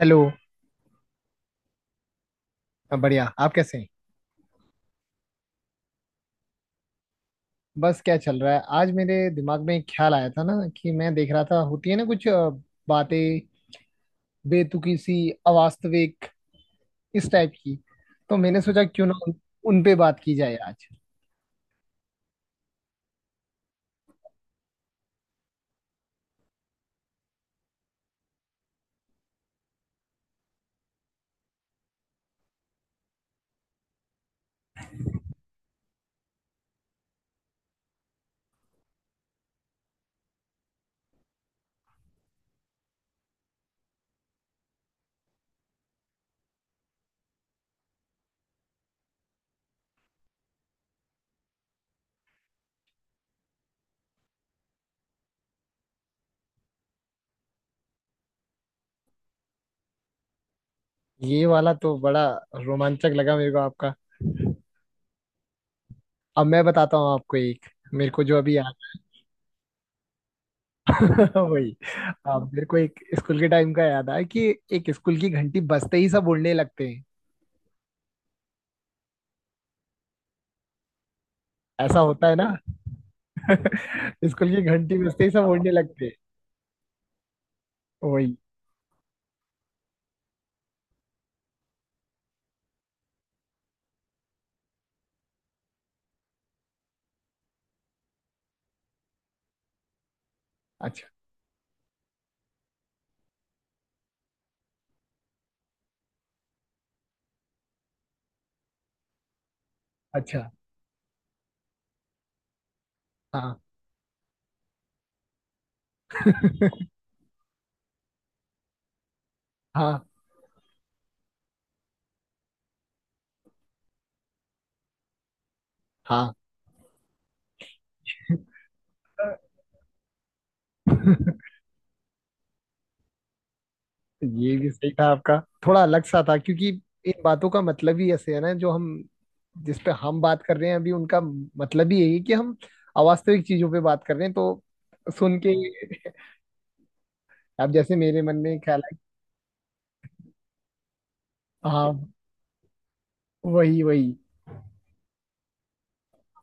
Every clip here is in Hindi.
हेलो। मैं बढ़िया। आप कैसे हैं? बस क्या चल रहा है। आज मेरे दिमाग में एक ख्याल आया था ना कि मैं देख रहा था, होती है ना कुछ बातें, बेतुकी सी, अवास्तविक, इस टाइप की, तो मैंने सोचा क्यों ना उन पे बात की जाए आज। ये वाला तो बड़ा रोमांचक लगा मेरे को आपका। अब मैं बताता हूँ आपको एक, मेरे को जो अभी याद वही। अब मेरे को एक स्कूल के टाइम का याद आया कि एक स्कूल की घंटी बजते ही सब उड़ने लगते हैं। ऐसा होता है ना। स्कूल की घंटी बजते ही सब उड़ने लगते हैं। वही। अच्छा अच्छा। हाँ हाँ हाँ। ये भी सही था आपका। थोड़ा अलग सा था क्योंकि इन बातों का मतलब ही ऐसे है ना, जो हम, जिस पे हम बात कर रहे हैं अभी उनका मतलब ही यही है कि हम अवास्तविक चीजों पे बात कर रहे हैं, तो सुन के अब जैसे मेरे मन में ख्याल आया। हाँ वही वही।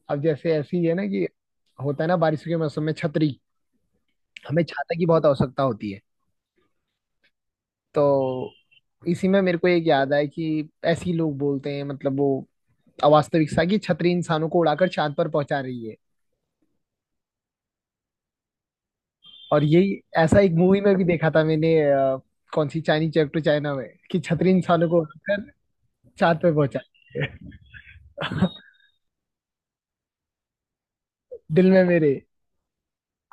अब जैसे ऐसे ही है ना कि होता है ना बारिश के मौसम में छतरी, हमें छाता की बहुत आवश्यकता होती है। तो इसी में मेरे को एक याद आया कि ऐसे ही लोग बोलते हैं, मतलब वो अवास्तविकता की छतरी इंसानों को उड़ाकर चांद पर पहुंचा रही है। और यही ऐसा एक मूवी में भी देखा था मैंने कौन सी चाइनीज चैप टू चाइना में, कि छतरी इंसानों को उड़ाकर चांद पर पहुंचा रही है। दिल में मेरे।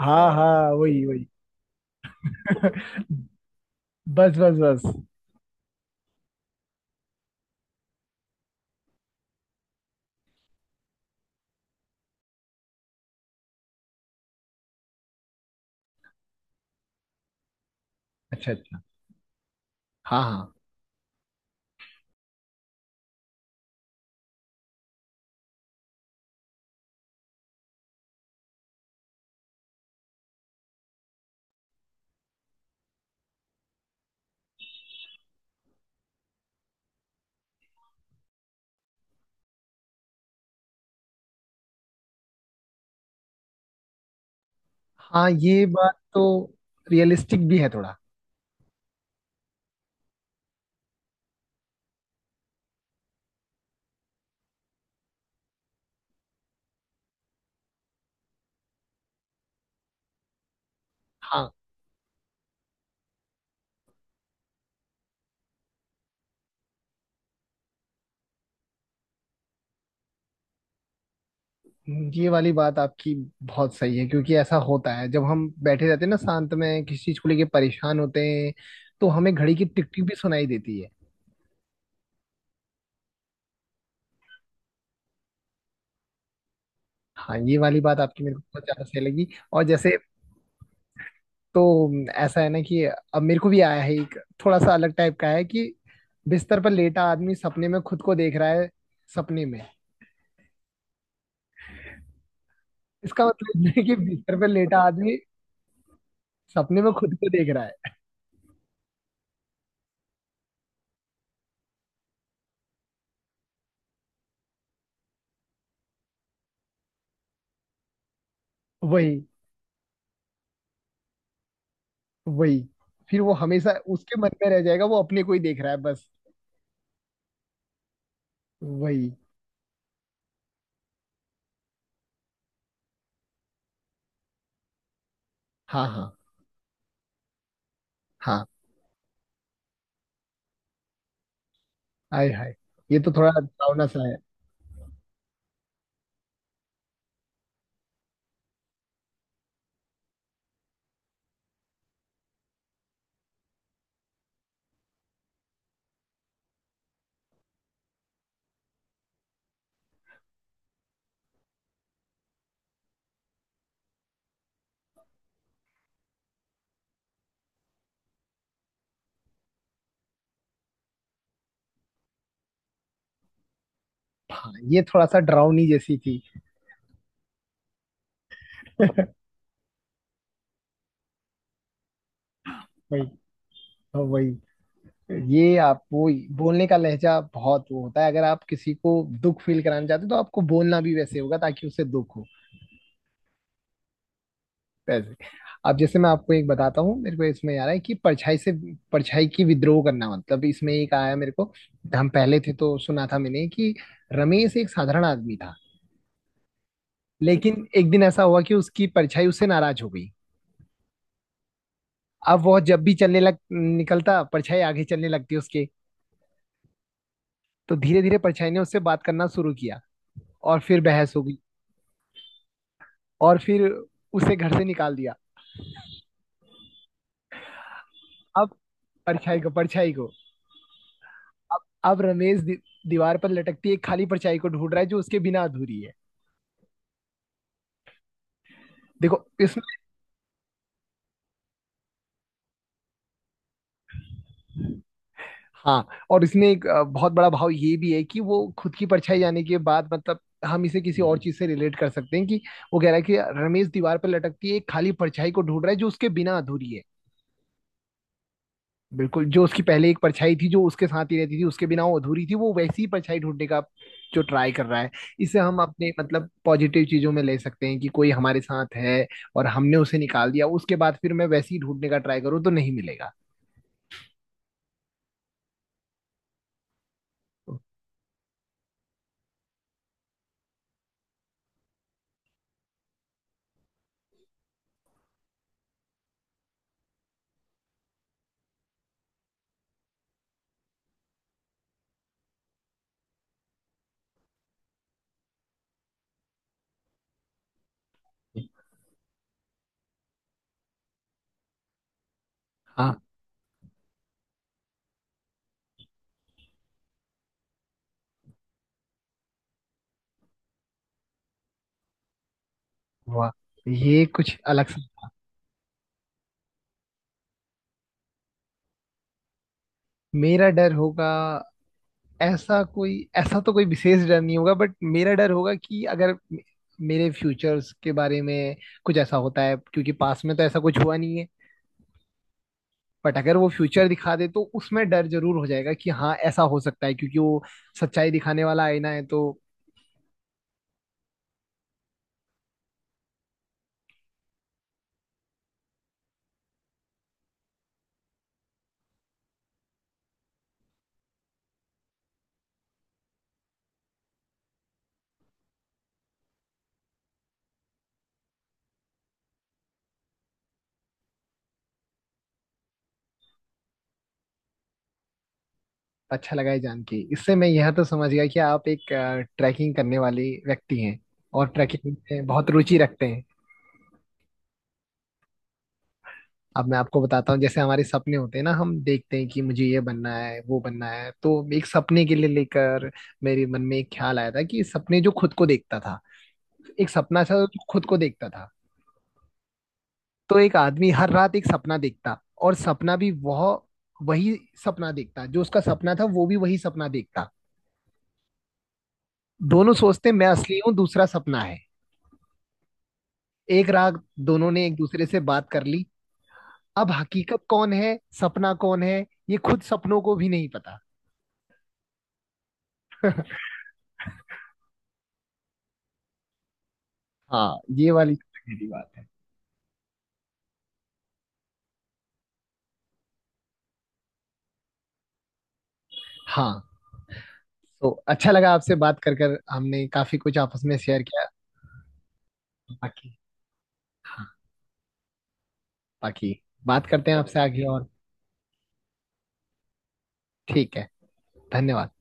हाँ हाँ वही वही। बस बस बस। अच्छा अच्छा। हाँ हाँ हाँ। ये बात तो रियलिस्टिक भी है थोड़ा। हाँ ये वाली बात आपकी बहुत सही है क्योंकि ऐसा होता है जब हम बैठे रहते हैं ना शांत में, किसी चीज को लेके परेशान होते हैं, तो हमें घड़ी की टिक टिक भी सुनाई देती है। हाँ ये वाली बात आपकी मेरे को बहुत ज्यादा सही लगी। और जैसे तो ऐसा है ना कि अब मेरे को भी आया है एक, थोड़ा सा अलग टाइप का है कि बिस्तर पर लेटा आदमी सपने में खुद को देख रहा है सपने में। इसका मतलब ये है कि बिस्तर पर लेटा आदमी सपने में खुद को देख रहा है। वही वही, फिर वो हमेशा उसके मन में रह जाएगा, वो अपने को ही देख रहा है बस। वही। हाँ हाँ हाँ। आय हाय, ये तो थोड़ा डरावना सा है। हाँ ये थोड़ा सा डरावनी जैसी थी। वही। हाँ, वही। ये आप वो बोलने का लहजा बहुत वो होता है, अगर आप किसी को दुख फील कराना चाहते हो तो आपको बोलना भी वैसे होगा ताकि उसे दुख हो। वैसे, अब जैसे मैं आपको एक बताता हूँ, मेरे को इसमें आ रहा है कि परछाई से परछाई की विद्रोह करना, मतलब इसमें एक आया मेरे को। हम पहले थे तो सुना था मैंने कि रमेश एक साधारण आदमी था। लेकिन एक दिन ऐसा हुआ कि उसकी परछाई उससे नाराज हो गई। अब वो जब भी चलने लग निकलता, परछाई आगे चलने लगती उसके। तो धीरे धीरे परछाई ने उससे बात करना शुरू किया और फिर बहस हो गई। और फिर उसे घर से निकाल दिया। अब परछाई को। परछाई को। अब अब रमेश दीवार पर लटकती एक खाली परछाई को ढूंढ रहा है जो उसके बिना अधूरी है। देखो इसमें। हाँ, और इसमें एक बहुत बड़ा भाव ये भी है कि वो खुद की परछाई जाने के बाद, मतलब हम इसे किसी और चीज से रिलेट कर सकते हैं कि वो कह रहा है कि रमेश दीवार पर लटकती है एक खाली परछाई को ढूंढ रहा है जो उसके बिना अधूरी है। बिल्कुल, जो उसकी पहले एक परछाई थी जो उसके साथ ही रहती थी, उसके बिना वो अधूरी थी, वो वैसी ही परछाई ढूंढने का जो ट्राई कर रहा है। इससे हम अपने मतलब पॉजिटिव चीजों में ले सकते हैं कि कोई हमारे साथ है और हमने उसे निकाल दिया, उसके बाद फिर मैं वैसे ही ढूंढने का ट्राई करूँ तो नहीं मिलेगा। हाँ। वाह, ये कुछ अलग सा। मेरा डर होगा, ऐसा कोई, ऐसा तो कोई विशेष डर नहीं होगा, बट मेरा डर होगा कि अगर मेरे फ्यूचर्स के बारे में कुछ ऐसा होता है, क्योंकि पास में तो ऐसा कुछ हुआ नहीं है। बट अगर वो फ्यूचर दिखा दे तो उसमें डर जरूर हो जाएगा कि हाँ ऐसा हो सकता है, क्योंकि वो सच्चाई दिखाने वाला आईना है तो। अच्छा लगा है जान के, इससे मैं यह तो समझ गया कि आप एक ट्रैकिंग करने वाले व्यक्ति हैं और ट्रैकिंग में बहुत रुचि रखते हैं। अब मैं आपको बताता हूँ, जैसे हमारे सपने होते हैं ना, हम देखते हैं कि मुझे ये बनना है वो बनना है, तो एक सपने के लिए लेकर मेरे मन में एक ख्याल आया था कि सपने जो खुद को देखता था, एक सपना था जो खुद को देखता था। तो एक आदमी हर रात एक सपना देखता और सपना भी वह वही सपना देखता, जो उसका सपना था वो भी वही सपना देखता। दोनों सोचते मैं असली हूँ, दूसरा सपना है। एक रात दोनों ने एक दूसरे से बात कर ली। अब हकीकत कौन है सपना कौन है, ये खुद सपनों को भी नहीं पता। हाँ, ये वाली सबसे गहरी बात है। हाँ, तो अच्छा लगा आपसे बात कर कर, हमने काफी कुछ आपस में शेयर किया। बाकी। हाँ बाकी, बात करते हैं आपसे आगे और। ठीक है। धन्यवाद।